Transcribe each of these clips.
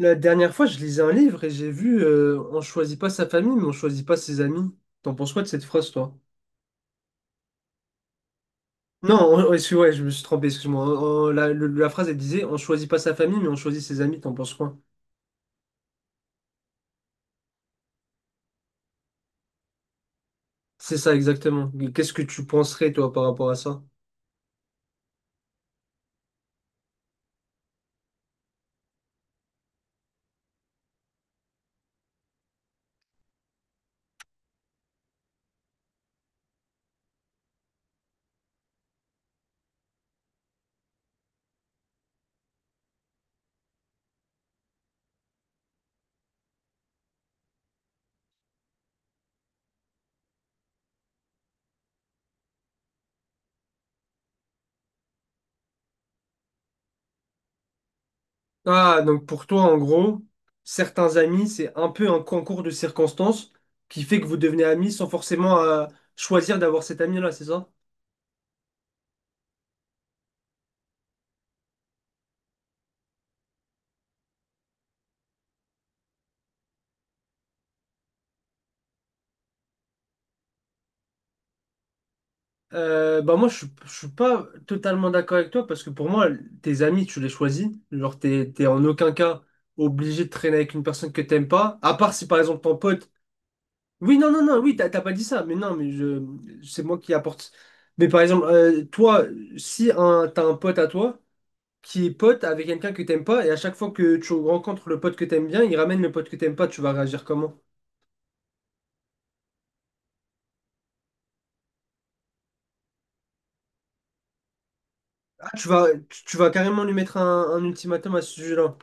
La dernière fois, je lisais un livre et j'ai vu on choisit pas sa famille, mais on choisit pas ses amis. T'en penses quoi de cette phrase, toi? Non, excuse, ouais, je me suis trompé, excuse-moi. La phrase, elle disait on choisit pas sa famille, mais on choisit ses amis. T'en penses quoi? C'est ça, exactement. Mais qu'est-ce que tu penserais, toi, par rapport à ça? Ah, donc pour toi, en gros, certains amis, c'est un peu un concours de circonstances qui fait que vous devenez amis sans forcément choisir d'avoir cet ami-là, c'est ça? Bah moi je, je suis pas totalement d'accord avec toi, parce que pour moi tes amis tu les choisis, genre t'es en aucun cas obligé de traîner avec une personne que t'aimes pas, à part si par exemple ton pote. Oui, non non non, oui, t'as pas dit ça, mais non, mais je c'est moi qui apporte. Mais par exemple, toi, si un t'as un pote à toi qui est pote avec quelqu'un que t'aimes pas, et à chaque fois que tu rencontres le pote que t'aimes bien, il ramène le pote que t'aimes pas, tu vas réagir comment? Ah, tu vas carrément lui mettre un ultimatum à ce sujet-là.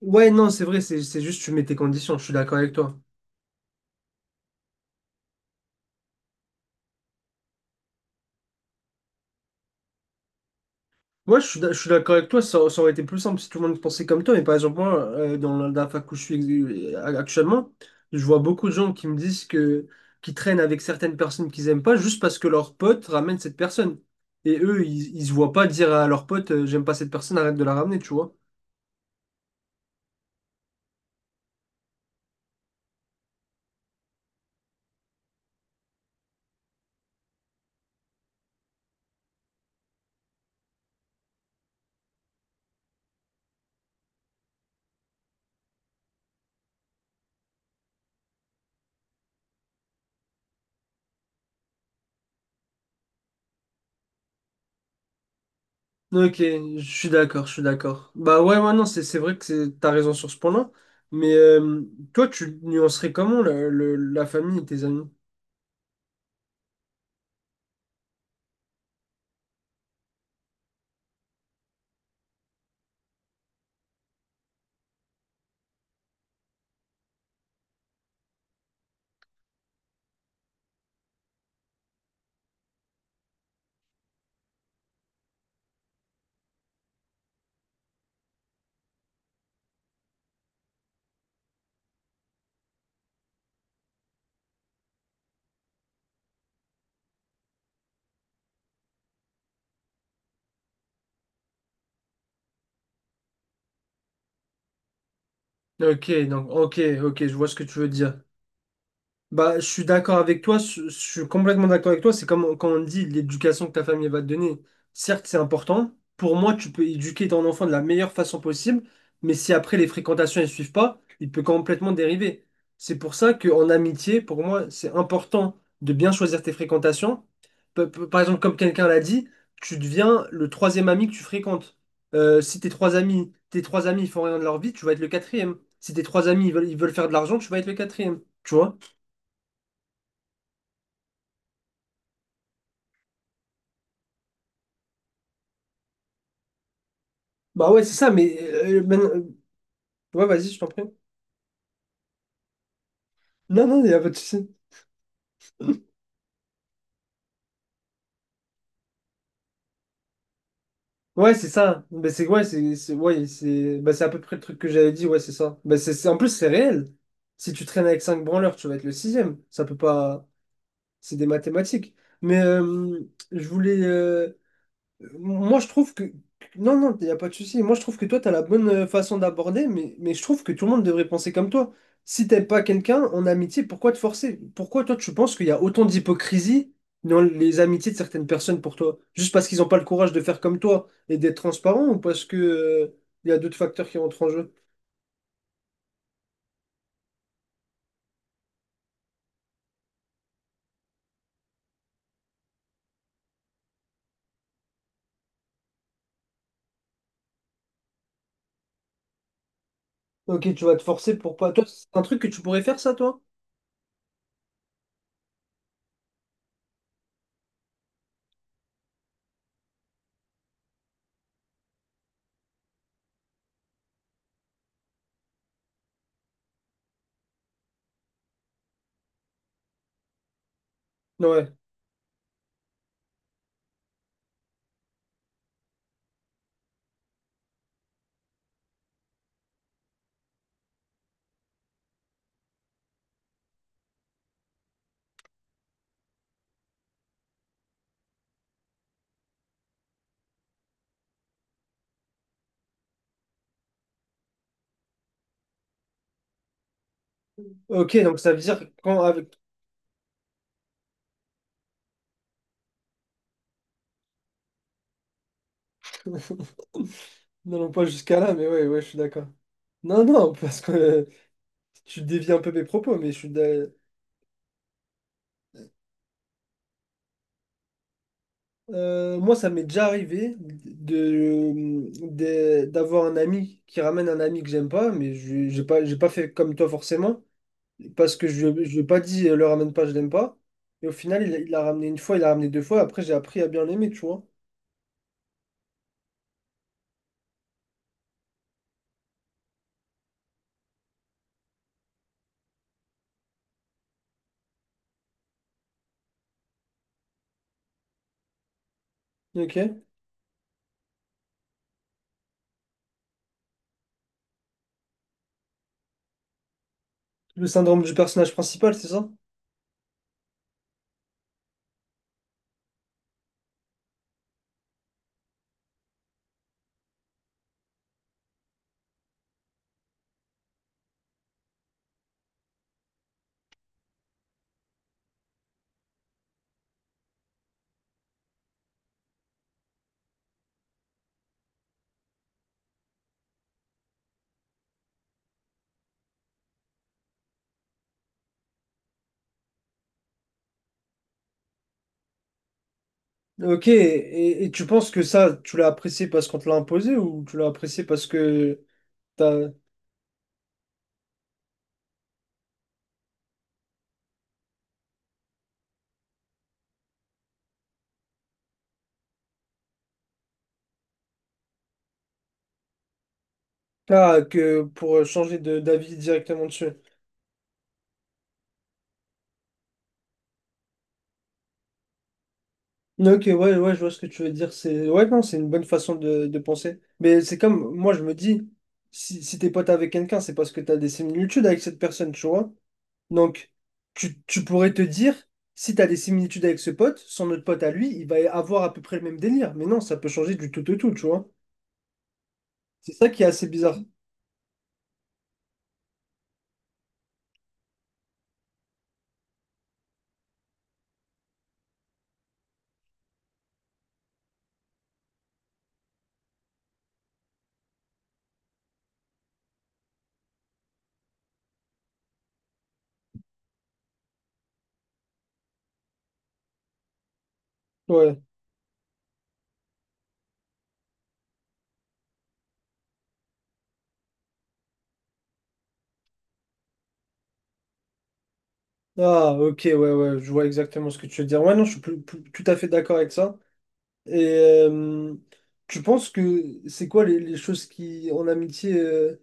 Ouais, non, c'est vrai, c'est juste tu mets tes conditions, je suis d'accord avec toi. Moi, je suis d'accord avec toi, ça aurait été plus simple si tout le monde pensait comme toi, mais par exemple, moi, dans dans la fac où je suis actuellement, je vois beaucoup de gens qui me disent que qui traînent avec certaines personnes qu'ils aiment pas juste parce que leurs potes ramènent cette personne. Et eux, ils se voient pas dire à leurs potes, j'aime pas cette personne, arrête de la ramener, tu vois. Ok, je suis d'accord, je suis d'accord. Bah ouais, ouais, non, c'est vrai que t'as raison sur ce point-là, mais toi, tu nuancerais comment la famille et tes amis? Ok, donc ok, ok, je vois ce que tu veux dire. Bah, je suis d'accord avec toi, je suis complètement d'accord avec toi. C'est comme quand on dit l'éducation que ta famille va te donner. Certes, c'est important. Pour moi, tu peux éduquer ton enfant de la meilleure façon possible, mais si après les fréquentations ne suivent pas, il peut complètement dériver. C'est pour ça qu'en amitié, pour moi, c'est important de bien choisir tes fréquentations. Par exemple, comme quelqu'un l'a dit, tu deviens le troisième ami que tu fréquentes. Si tes trois amis, tes trois amis ils font rien de leur vie, tu vas être le quatrième. Si tes trois amis ils veulent faire de l'argent, tu vas être le quatrième. Tu vois? Bah ouais, c'est ça, mais… euh, ben- euh, ouais, vas-y, je t'en prie. Non, non, il n'y a pas de souci. Ouais, c'est ça. Bah, c'est ouais, ouais, c'est bah, c'est à peu près le truc que j'avais dit, ouais, c'est ça. Bah, en plus, c'est réel. Si tu traînes avec 5 branleurs, tu vas être le sixième. Ça peut pas… C'est des mathématiques. Mais je voulais… moi, je trouve que… Non, non, il n'y a pas de souci. Moi, je trouve que toi, tu as la bonne façon d'aborder, mais… mais je trouve que tout le monde devrait penser comme toi. Si t'aimes pas quelqu'un en amitié, pourquoi te forcer? Pourquoi toi, tu penses qu'il y a autant d'hypocrisie dans les amitiés de certaines personnes pour toi? Juste parce qu'ils n'ont pas le courage de faire comme toi et d'être transparent, ou parce que, il y a d'autres facteurs qui rentrent en jeu? Ok, tu vas te forcer pour pas… Toi, c'est un truc que tu pourrais faire, ça, toi? Ouais. Ok, donc ça veut dire quand avec… Non, non, pas jusqu'à là, mais ouais, ouais, je suis d'accord. Non, non, parce que… Tu dévies un peu mes propos, mais je suis. Moi, ça m'est déjà arrivé de, d'avoir un ami qui ramène un ami que j'aime pas, mais je j'ai pas fait comme toi forcément, parce que je lui ai pas dit le ramène pas, je l'aime pas. Et au final, il l'a ramené une fois, il l'a ramené deux fois, après j'ai appris à bien l'aimer, tu vois. Ok. Le syndrome du personnage principal, c'est ça? Ok, et tu penses que ça, tu l'as apprécié parce qu'on te l'a imposé, ou tu l'as apprécié parce que t'as. Ah, que pour changer de d'avis directement dessus. Ok, ouais, ouais, je vois ce que tu veux dire. C'est, ouais, non, c'est une bonne façon de penser. Mais c'est comme, moi, je me dis, si t'es pote avec quelqu'un, c'est parce que t'as des similitudes avec cette personne, tu vois. Donc, tu pourrais te dire, si t'as des similitudes avec ce pote, son autre pote à lui, il va avoir à peu près le même délire. Mais non, ça peut changer du tout au tout, tu vois. C'est ça qui est assez bizarre. Ouais. Ah, ok, ouais, ouais, je vois exactement ce que tu veux dire. Ouais, non, je suis tout à fait d'accord avec ça. Et euh, tu penses que c'est quoi les choses qui, en amitié,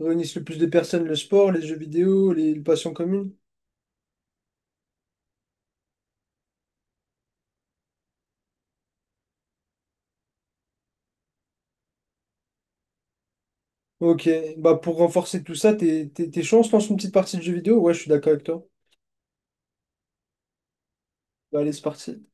réunissent le plus de personnes? Le sport, les jeux vidéo, les passions communes? Ok, bah pour renforcer tout ça, t'es chaud, on se lance une petite partie de jeux vidéo? Ouais, je suis d'accord avec toi. Bah, allez, c'est parti.